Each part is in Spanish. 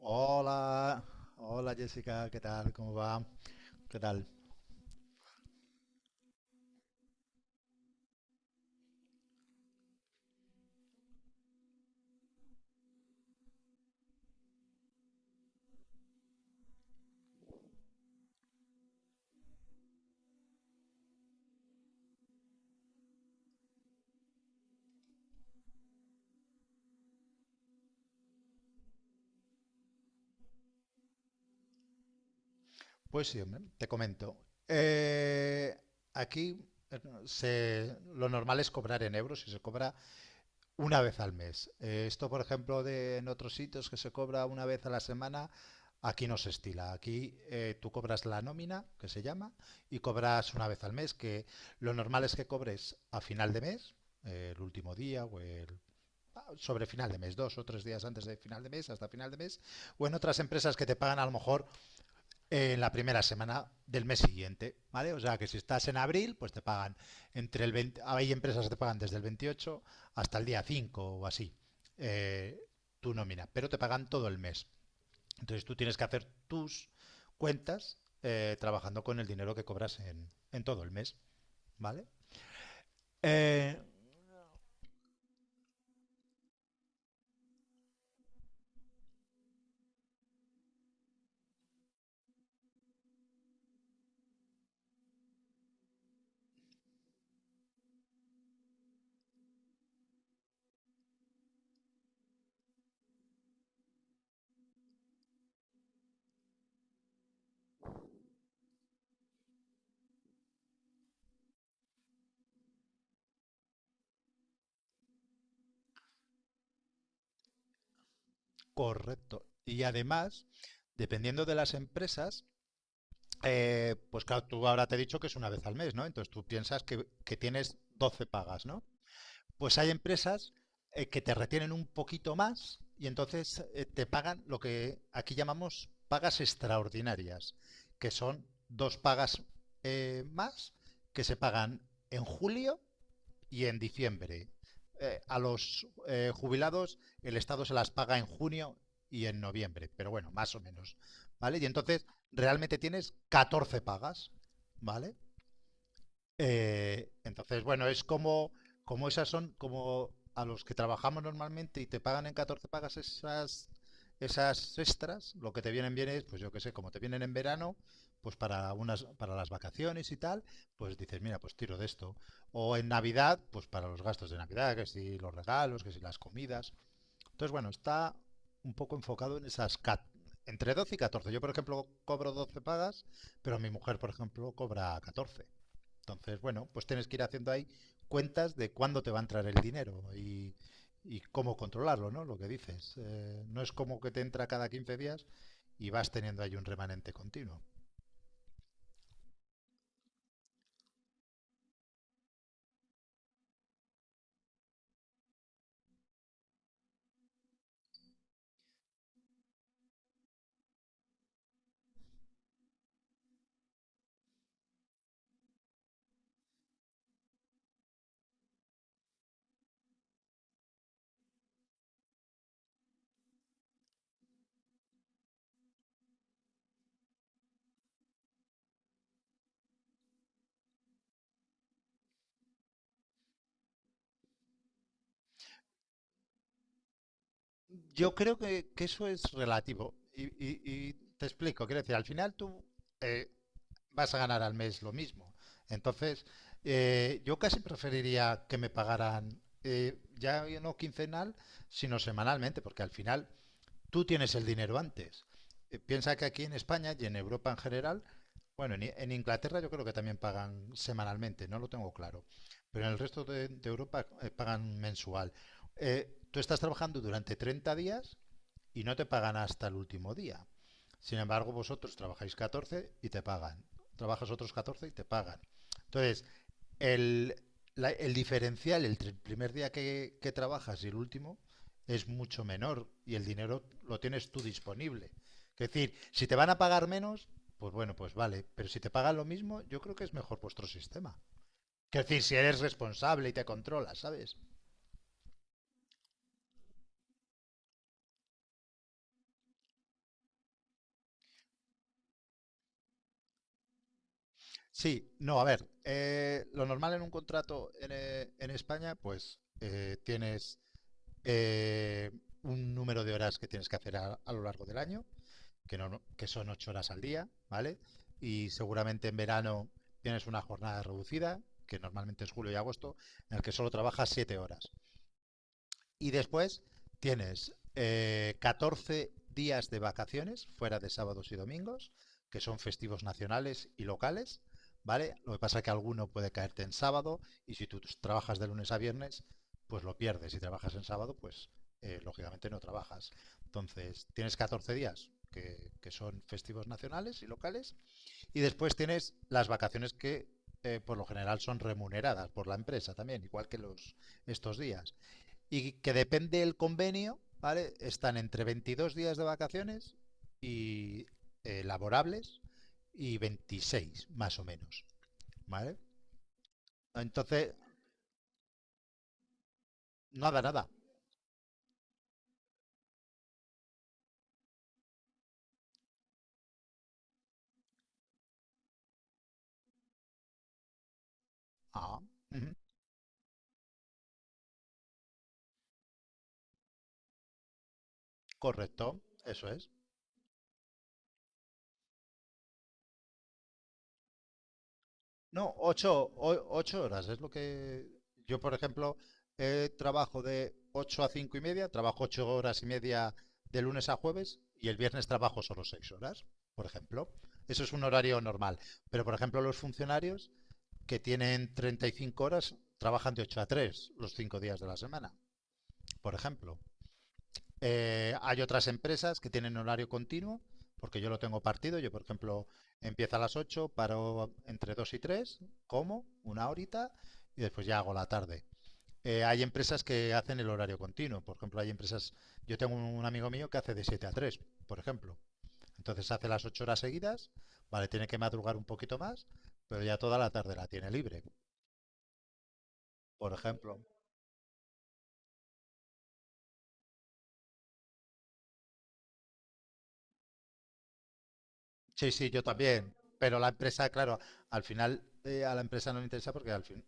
Hola, hola Jessica, ¿qué tal? ¿Cómo va? ¿Qué tal? Pues sí, hombre, te comento. Eh, Aquí eh, lo normal es cobrar en euros y se cobra una vez al mes. Esto, por ejemplo, de en otros sitios que se cobra una vez a la semana, aquí no se estila. Aquí tú cobras la nómina, que se llama, y cobras una vez al mes, que lo normal es que cobres a final de mes, el último día o el sobre final de mes, dos o tres días antes de final de mes, hasta final de mes, o en otras empresas que te pagan a lo mejor en la primera semana del mes siguiente, ¿vale? O sea que si estás en abril, pues te pagan entre el 20, hay empresas que te pagan desde el 28 hasta el día 5 o así, eh, tu nómina, pero te pagan todo el mes. Entonces tú tienes que hacer tus cuentas trabajando con el dinero que cobras en todo el mes, ¿vale? Eh, Correcto. Y además, dependiendo de las empresas, pues claro, tú ahora te he dicho que es una vez al mes, ¿no? Entonces tú piensas que tienes 12 pagas, ¿no? Pues hay empresas que te retienen un poquito más y entonces te pagan lo que aquí llamamos pagas extraordinarias, que son dos pagas más, que se pagan en julio y en diciembre. A los jubilados el Estado se las paga en junio y en noviembre, pero bueno, más o menos. ¿Vale? Y entonces realmente tienes 14 pagas, ¿vale? Entonces, bueno, es como, como esas son, como a los que trabajamos normalmente y te pagan en 14 pagas, esas, esas extras, lo que te vienen bien es, pues yo qué sé, como te vienen en verano, pues para unas, para las vacaciones y tal, pues dices, mira, pues tiro de esto. O en Navidad, pues para los gastos de Navidad, que si los regalos, que si las comidas. Entonces, bueno, está un poco enfocado en esas entre 12 y 14. Yo, por ejemplo, cobro 12 pagas, pero mi mujer, por ejemplo, cobra 14. Entonces, bueno, pues tienes que ir haciendo ahí cuentas de cuándo te va a entrar el dinero y cómo controlarlo, ¿no? Lo que dices. No es como que te entra cada 15 días y vas teniendo ahí un remanente continuo. Yo creo que eso es relativo. Y te explico, quiero decir, al final tú eh, vas a ganar al mes lo mismo. Entonces, yo casi preferiría que me pagaran ya no quincenal, sino semanalmente, porque al final tú tienes el dinero antes. Piensa que aquí en España y en Europa en general, bueno, en Inglaterra yo creo que también pagan semanalmente, no lo tengo claro, pero en el resto de Europa pagan mensual. Tú estás trabajando durante 30 días y no te pagan hasta el último día. Sin embargo, vosotros trabajáis 14 y te pagan. Trabajas otros 14 y te pagan. Entonces, el, el diferencial entre el primer día que trabajas y el último es mucho menor y el dinero lo tienes tú disponible. Es decir, si te van a pagar menos, pues bueno, pues vale, pero si te pagan lo mismo, yo creo que es mejor vuestro sistema. Es decir, si eres responsable y te controlas, ¿sabes? Sí, no, a ver, lo normal en un contrato en España, pues tienes eh, un número de horas que tienes que hacer a lo largo del año que, no, que son ocho horas al día, ¿vale? Y seguramente en verano tienes una jornada reducida, que normalmente es julio y agosto, en el que solo trabajas siete horas. Y después tienes 14 días de vacaciones fuera de sábados y domingos, que son festivos nacionales y locales, ¿vale? Lo que pasa es que alguno puede caerte en sábado y si tú trabajas de lunes a viernes, pues lo pierdes. Si trabajas en sábado, pues lógicamente no trabajas. Entonces, tienes 14 días que son festivos nacionales y locales y después tienes las vacaciones que por lo general son remuneradas por la empresa también, igual que los estos días, y que depende del convenio, ¿vale? Están entre 22 días de vacaciones y laborables y 26 más o menos, ¿vale? Entonces, nada, nada. Ah, ujú, correcto, eso es. No, ocho, o 8 horas es lo que yo, por ejemplo, trabajo de 8 a 5 y media, trabajo ocho horas y media de lunes a jueves y el viernes trabajo solo 6 horas, por ejemplo. Eso es un horario normal. Pero, por ejemplo, los funcionarios que tienen 35 horas trabajan de 8 a 3 los 5 días de la semana, por ejemplo. Hay otras empresas que tienen horario continuo, porque yo lo tengo partido. Yo, por ejemplo, empiezo a las ocho, paro entre 2 y tres, como una horita, y después ya hago la tarde. Hay empresas que hacen el horario continuo. Por ejemplo, hay empresas. Yo tengo un amigo mío que hace de 7 a tres, por ejemplo. Entonces hace las 8 horas seguidas, vale, tiene que madrugar un poquito más, pero ya toda la tarde la tiene libre, por ejemplo. Sí, sí, yo también. Pero la empresa, claro, al final a la empresa no le interesa porque al fin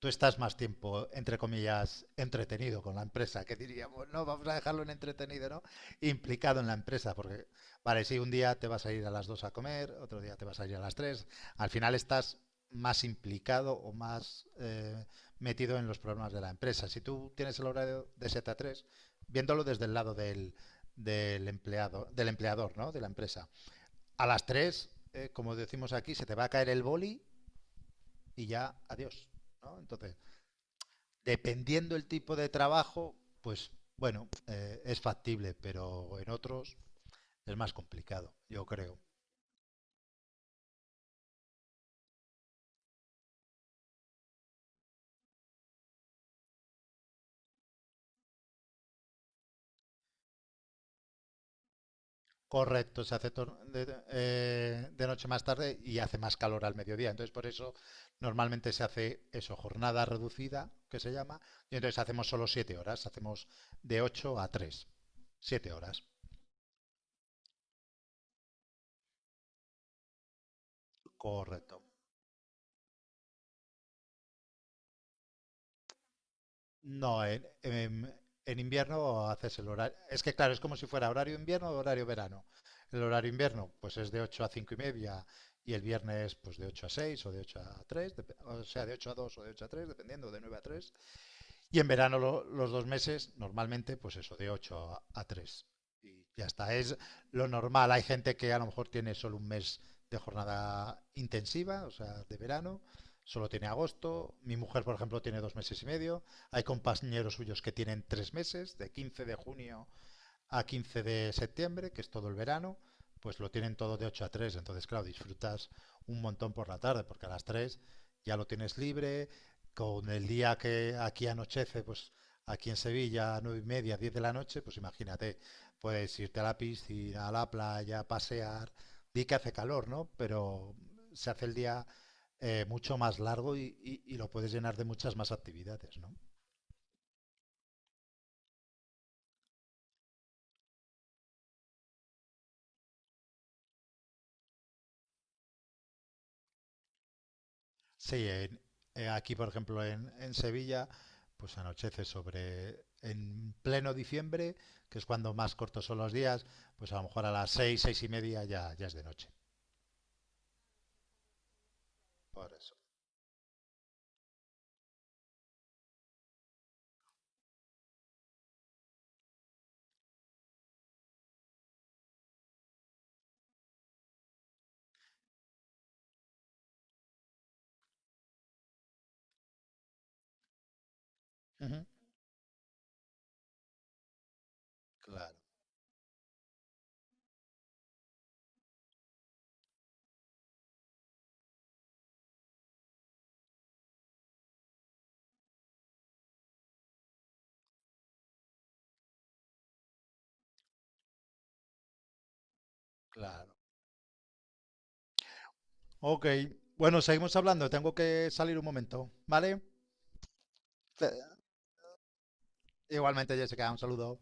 tú estás más tiempo, entre comillas, entretenido con la empresa, que diríamos, no, vamos a dejarlo en entretenido, ¿no? Implicado en la empresa, porque, vale, sí, un día te vas a ir a las 2 a comer, otro día te vas a ir a las tres, al final estás más implicado o más metido en los problemas de la empresa. Si tú tienes el horario de 7 a 3, viéndolo desde el lado del empleado, del empleador, ¿no? De la empresa. A las 3, como decimos aquí, se te va a caer el boli y ya, adiós. ¿No? Entonces, dependiendo el tipo de trabajo, pues bueno, es factible, pero en otros es más complicado, yo creo. Correcto, se hace de, noche más tarde y hace más calor al mediodía. Entonces, por eso normalmente se hace eso, jornada reducida, que se llama, y entonces hacemos solo siete horas, hacemos de 8 a tres. Siete horas, correcto. No, en invierno haces el horario. Es que claro, es como si fuera horario invierno o horario verano. El horario invierno, pues es de 8 a 5 y media y el viernes, pues de 8 a 6 o de 8 a 3, o sea, de 8 a 2 o de ocho a 3, dependiendo, de 9 a 3. Y en verano los dos meses, normalmente, pues eso, de 8 a tres. Y ya está, es lo normal. Hay gente que a lo mejor tiene solo un mes de jornada intensiva, o sea, de verano, solo tiene agosto. Mi mujer, por ejemplo, tiene dos meses y medio. Hay compañeros suyos que tienen tres meses, de 15 de junio a 15 de septiembre, que es todo el verano, pues lo tienen todo de 8 a tres. Entonces, claro, disfrutas un montón por la tarde, porque a las 3 ya lo tienes libre. Con el día que aquí anochece, pues aquí en Sevilla, a 9 y media, 10 de la noche, pues imagínate, puedes irte a la piscina, a la playa, pasear. Di que hace calor, ¿no? Pero se hace el día mucho más largo y, y lo puedes llenar de muchas más actividades, ¿no? Sí, aquí por ejemplo en Sevilla, pues anochece sobre, en pleno diciembre, que es cuando más cortos son los días, pues a lo mejor a las seis, seis y media, ya, ya es de noche. Por eso. Ujú. Claro, claro. Ok, bueno, seguimos hablando, tengo que salir un momento, ¿vale? Te- Igualmente, Jessica, un saludo.